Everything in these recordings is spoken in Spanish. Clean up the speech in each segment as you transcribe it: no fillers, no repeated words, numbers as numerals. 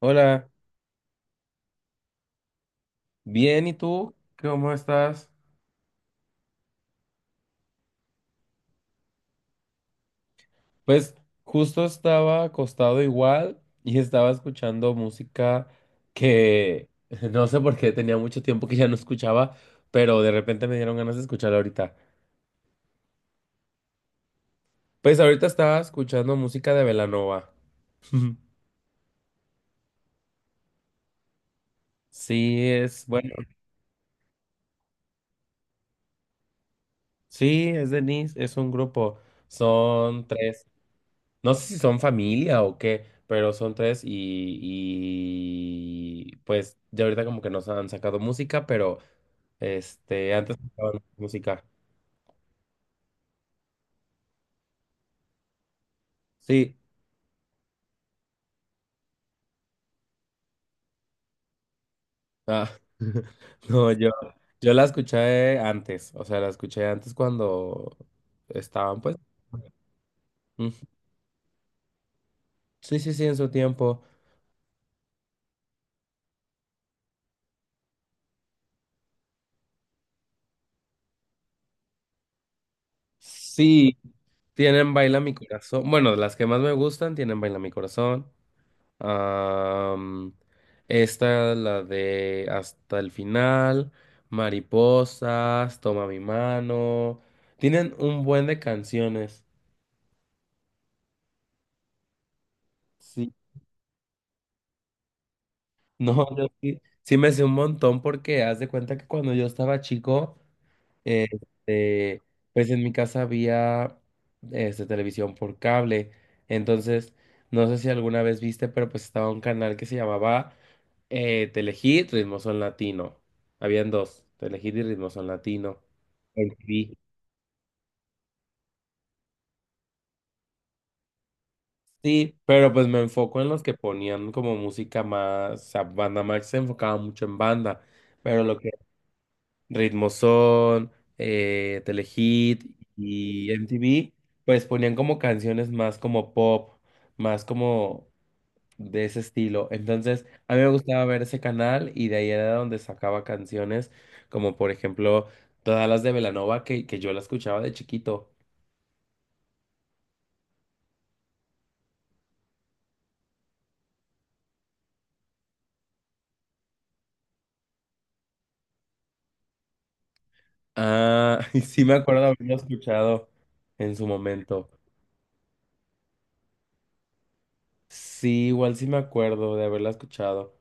Hola, bien, ¿y tú? ¿Cómo estás? Pues justo estaba acostado igual y estaba escuchando música que no sé por qué tenía mucho tiempo que ya no escuchaba, pero de repente me dieron ganas de escucharla ahorita. Pues ahorita estaba escuchando música de Belanova. Sí, es, bueno, sí, es Denise, es un grupo, son tres. No sé si son familia o qué, pero son tres y pues ya ahorita como que nos han sacado música, pero antes sacaban música. Sí, ah, no, yo la escuché antes, o sea, la escuché antes cuando estaban pues. Mm, sí, sí, sí, en su tiempo. Sí, tienen Baila mi corazón. Bueno, las que más me gustan tienen Baila mi corazón. Am, Esta, la de Hasta el final, Mariposas, Toma mi mano. Tienen un buen de canciones. Sí. No, yo sí me sé un montón porque haz de cuenta que cuando yo estaba chico. Este, pues en mi casa había, televisión por cable. Entonces, no sé si alguna vez viste, pero pues estaba un canal que se llamaba Telehit, Ritmo Son Latino. Habían dos, Telehit y Ritmo Son Latino. En TV. Sí, pero pues me enfoco en los que ponían como música más, o sea, banda más se enfocaba mucho en banda, pero lo que Ritmozón, Telehit y MTV, pues ponían como canciones más como pop, más como de ese estilo. Entonces, a mí me gustaba ver ese canal y de ahí era donde sacaba canciones, como por ejemplo todas las de Belanova que yo la escuchaba de chiquito. Ah, y sí me acuerdo de haberlo escuchado en su momento. Sí, igual sí me acuerdo de haberla escuchado.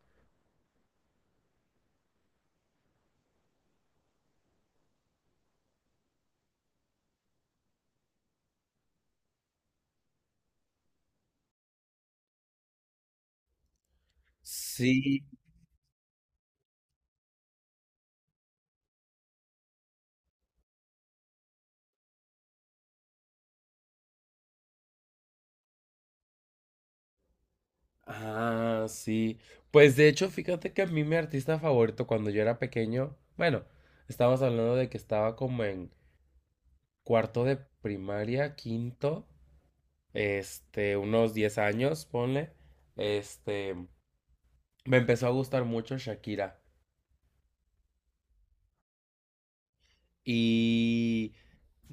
Sí. Ah, sí. Pues de hecho, fíjate que a mí mi artista favorito cuando yo era pequeño, bueno, estábamos hablando de que estaba como en cuarto de primaria, quinto, unos 10 años, ponle, este, me empezó a gustar mucho Shakira. Y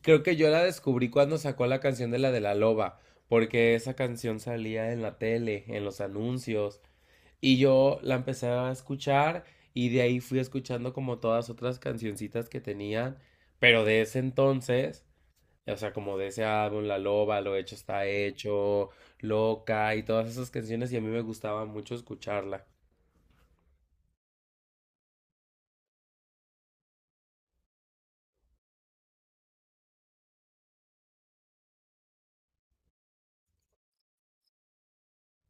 creo que yo la descubrí cuando sacó la canción de la loba, porque esa canción salía en la tele, en los anuncios. Y yo la empecé a escuchar y de ahí fui escuchando como todas otras cancioncitas que tenían, pero de ese entonces, o sea, como de ese álbum, La Loba, Lo Hecho Está Hecho, Loca y todas esas canciones y a mí me gustaba mucho escucharla.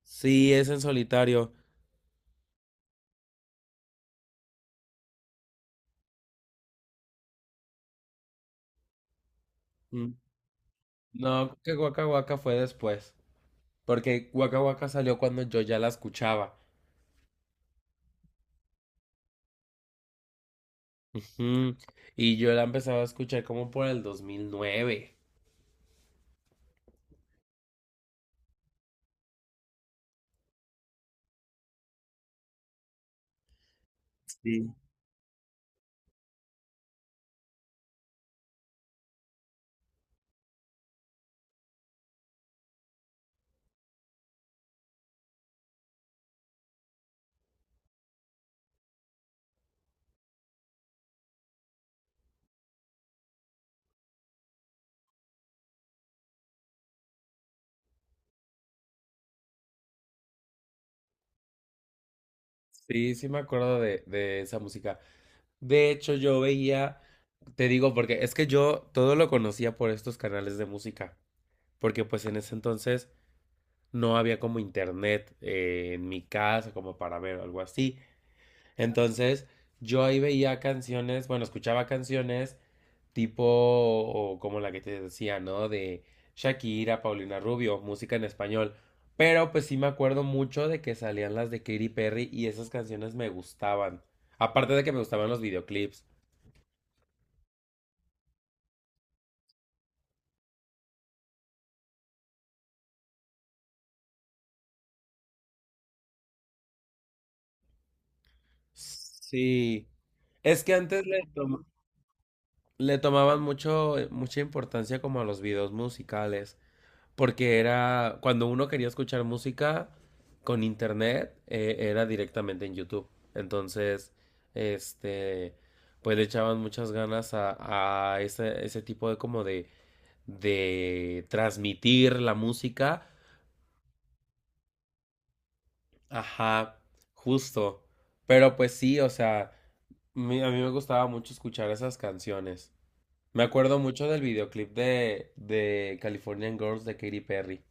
Sí, es en solitario. Mm. No, creo que Waka Waka fue después, porque Waka Waka salió cuando yo ya la escuchaba. Ujú. Y yo la empezaba a escuchar como por el 2009. Sí. Sí, sí me acuerdo de esa música. De hecho, yo veía, te digo, porque es que yo todo lo conocía por estos canales de música, porque pues en ese entonces no había como internet, en mi casa como para ver algo así. Entonces, yo ahí veía canciones, bueno, escuchaba canciones tipo o como la que te decía, ¿no? De Shakira, Paulina Rubio, música en español. Pero pues sí me acuerdo mucho de que salían las de Katy Perry y esas canciones me gustaban. Aparte de que me gustaban los videoclips. Sí, es que antes le tomaban mucho, mucha importancia como a los videos musicales, porque era cuando uno quería escuchar música con internet, era directamente en YouTube. Entonces, este, pues le echaban muchas ganas a ese, ese tipo de como de transmitir la música. Ajá, justo. Pero pues sí, o sea, a mí me gustaba mucho escuchar esas canciones. Me acuerdo mucho del videoclip de Californian Girls de Katy Perry.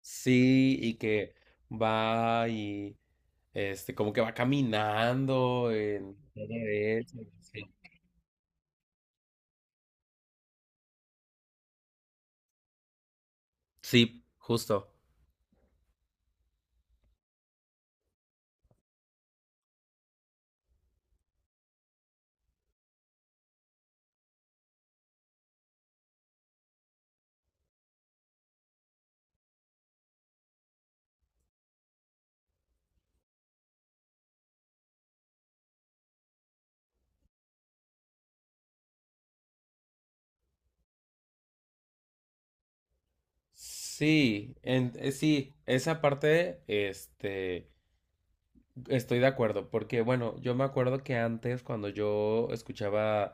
Sí, y que va y como que va caminando en todo eso. Sí, sí, justo. Sí, sí, esa parte, estoy de acuerdo, porque bueno, yo me acuerdo que antes cuando yo escuchaba,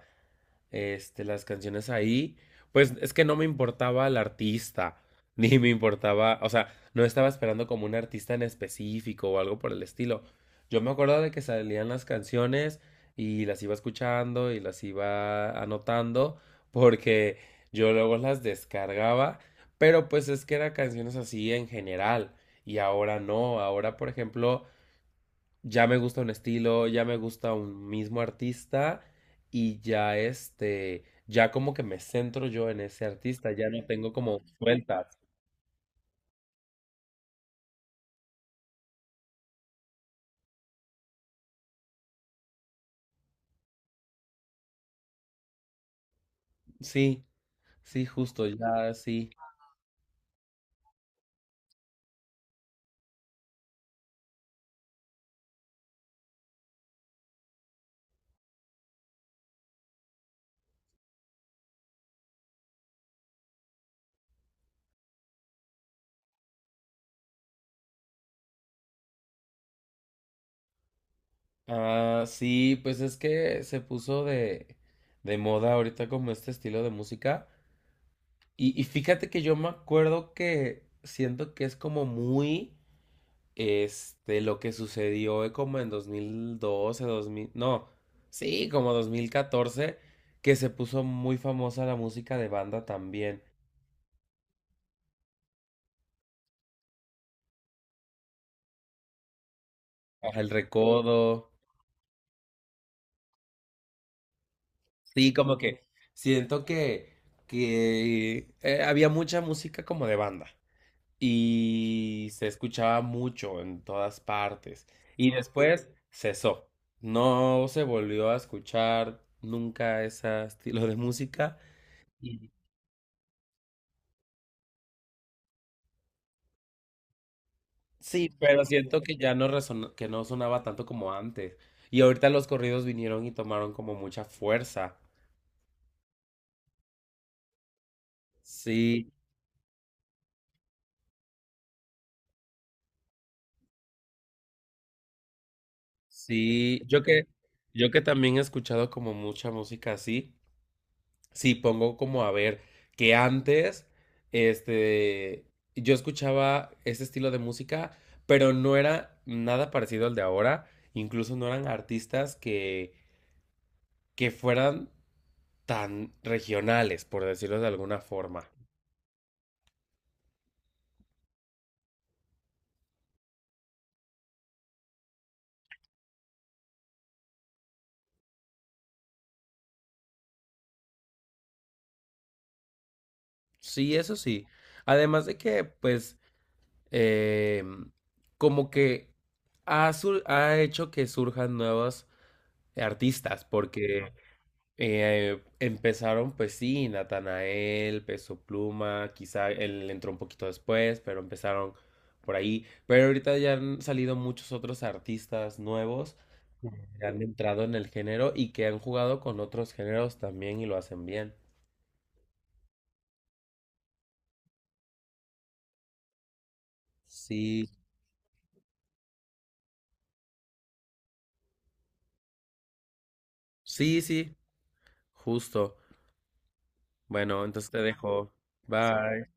las canciones ahí, pues es que no me importaba el artista, ni me importaba, o sea, no estaba esperando como un artista en específico o algo por el estilo. Yo me acuerdo de que salían las canciones y las iba escuchando y las iba anotando porque yo luego las descargaba, pero pues es que eran canciones así en general y ahora no, ahora por ejemplo ya me gusta un estilo, ya me gusta un mismo artista y ya ya como que me centro yo en ese artista, ya no tengo como vueltas. Sí, sí, justo, ya sí. Ah, sí, pues es que se puso de moda ahorita como este estilo de música. Y fíjate que yo me acuerdo que siento que es como muy lo que sucedió, como en dos mil doce dos mil no, sí, como 2014, que se puso muy famosa la música de banda también. Ajá, El Recodo, sí, como que siento que, que había mucha música como de banda y se escuchaba mucho en todas partes. Y después cesó. No se volvió a escuchar nunca ese estilo de música. Sí, pero siento que ya no que no sonaba tanto como antes. Y ahorita los corridos vinieron y tomaron como mucha fuerza. Sí, sí. Yo que también he escuchado como mucha música así. Sí, pongo como a ver que antes, este, yo escuchaba ese estilo de música, pero no era nada parecido al de ahora. Incluso no eran artistas que fueran tan regionales, por decirlo de alguna forma. Sí, eso sí. Además de que, pues, eh, como que ha hecho que surjan nuevos artistas, porque empezaron, pues sí, Natanael, Peso Pluma, quizá él entró un poquito después, pero empezaron por ahí. Pero ahorita ya han salido muchos otros artistas nuevos que han entrado en el género y que han jugado con otros géneros también y lo hacen bien. Sí, sí, sí, justo. Bueno, entonces te dejo. Bye.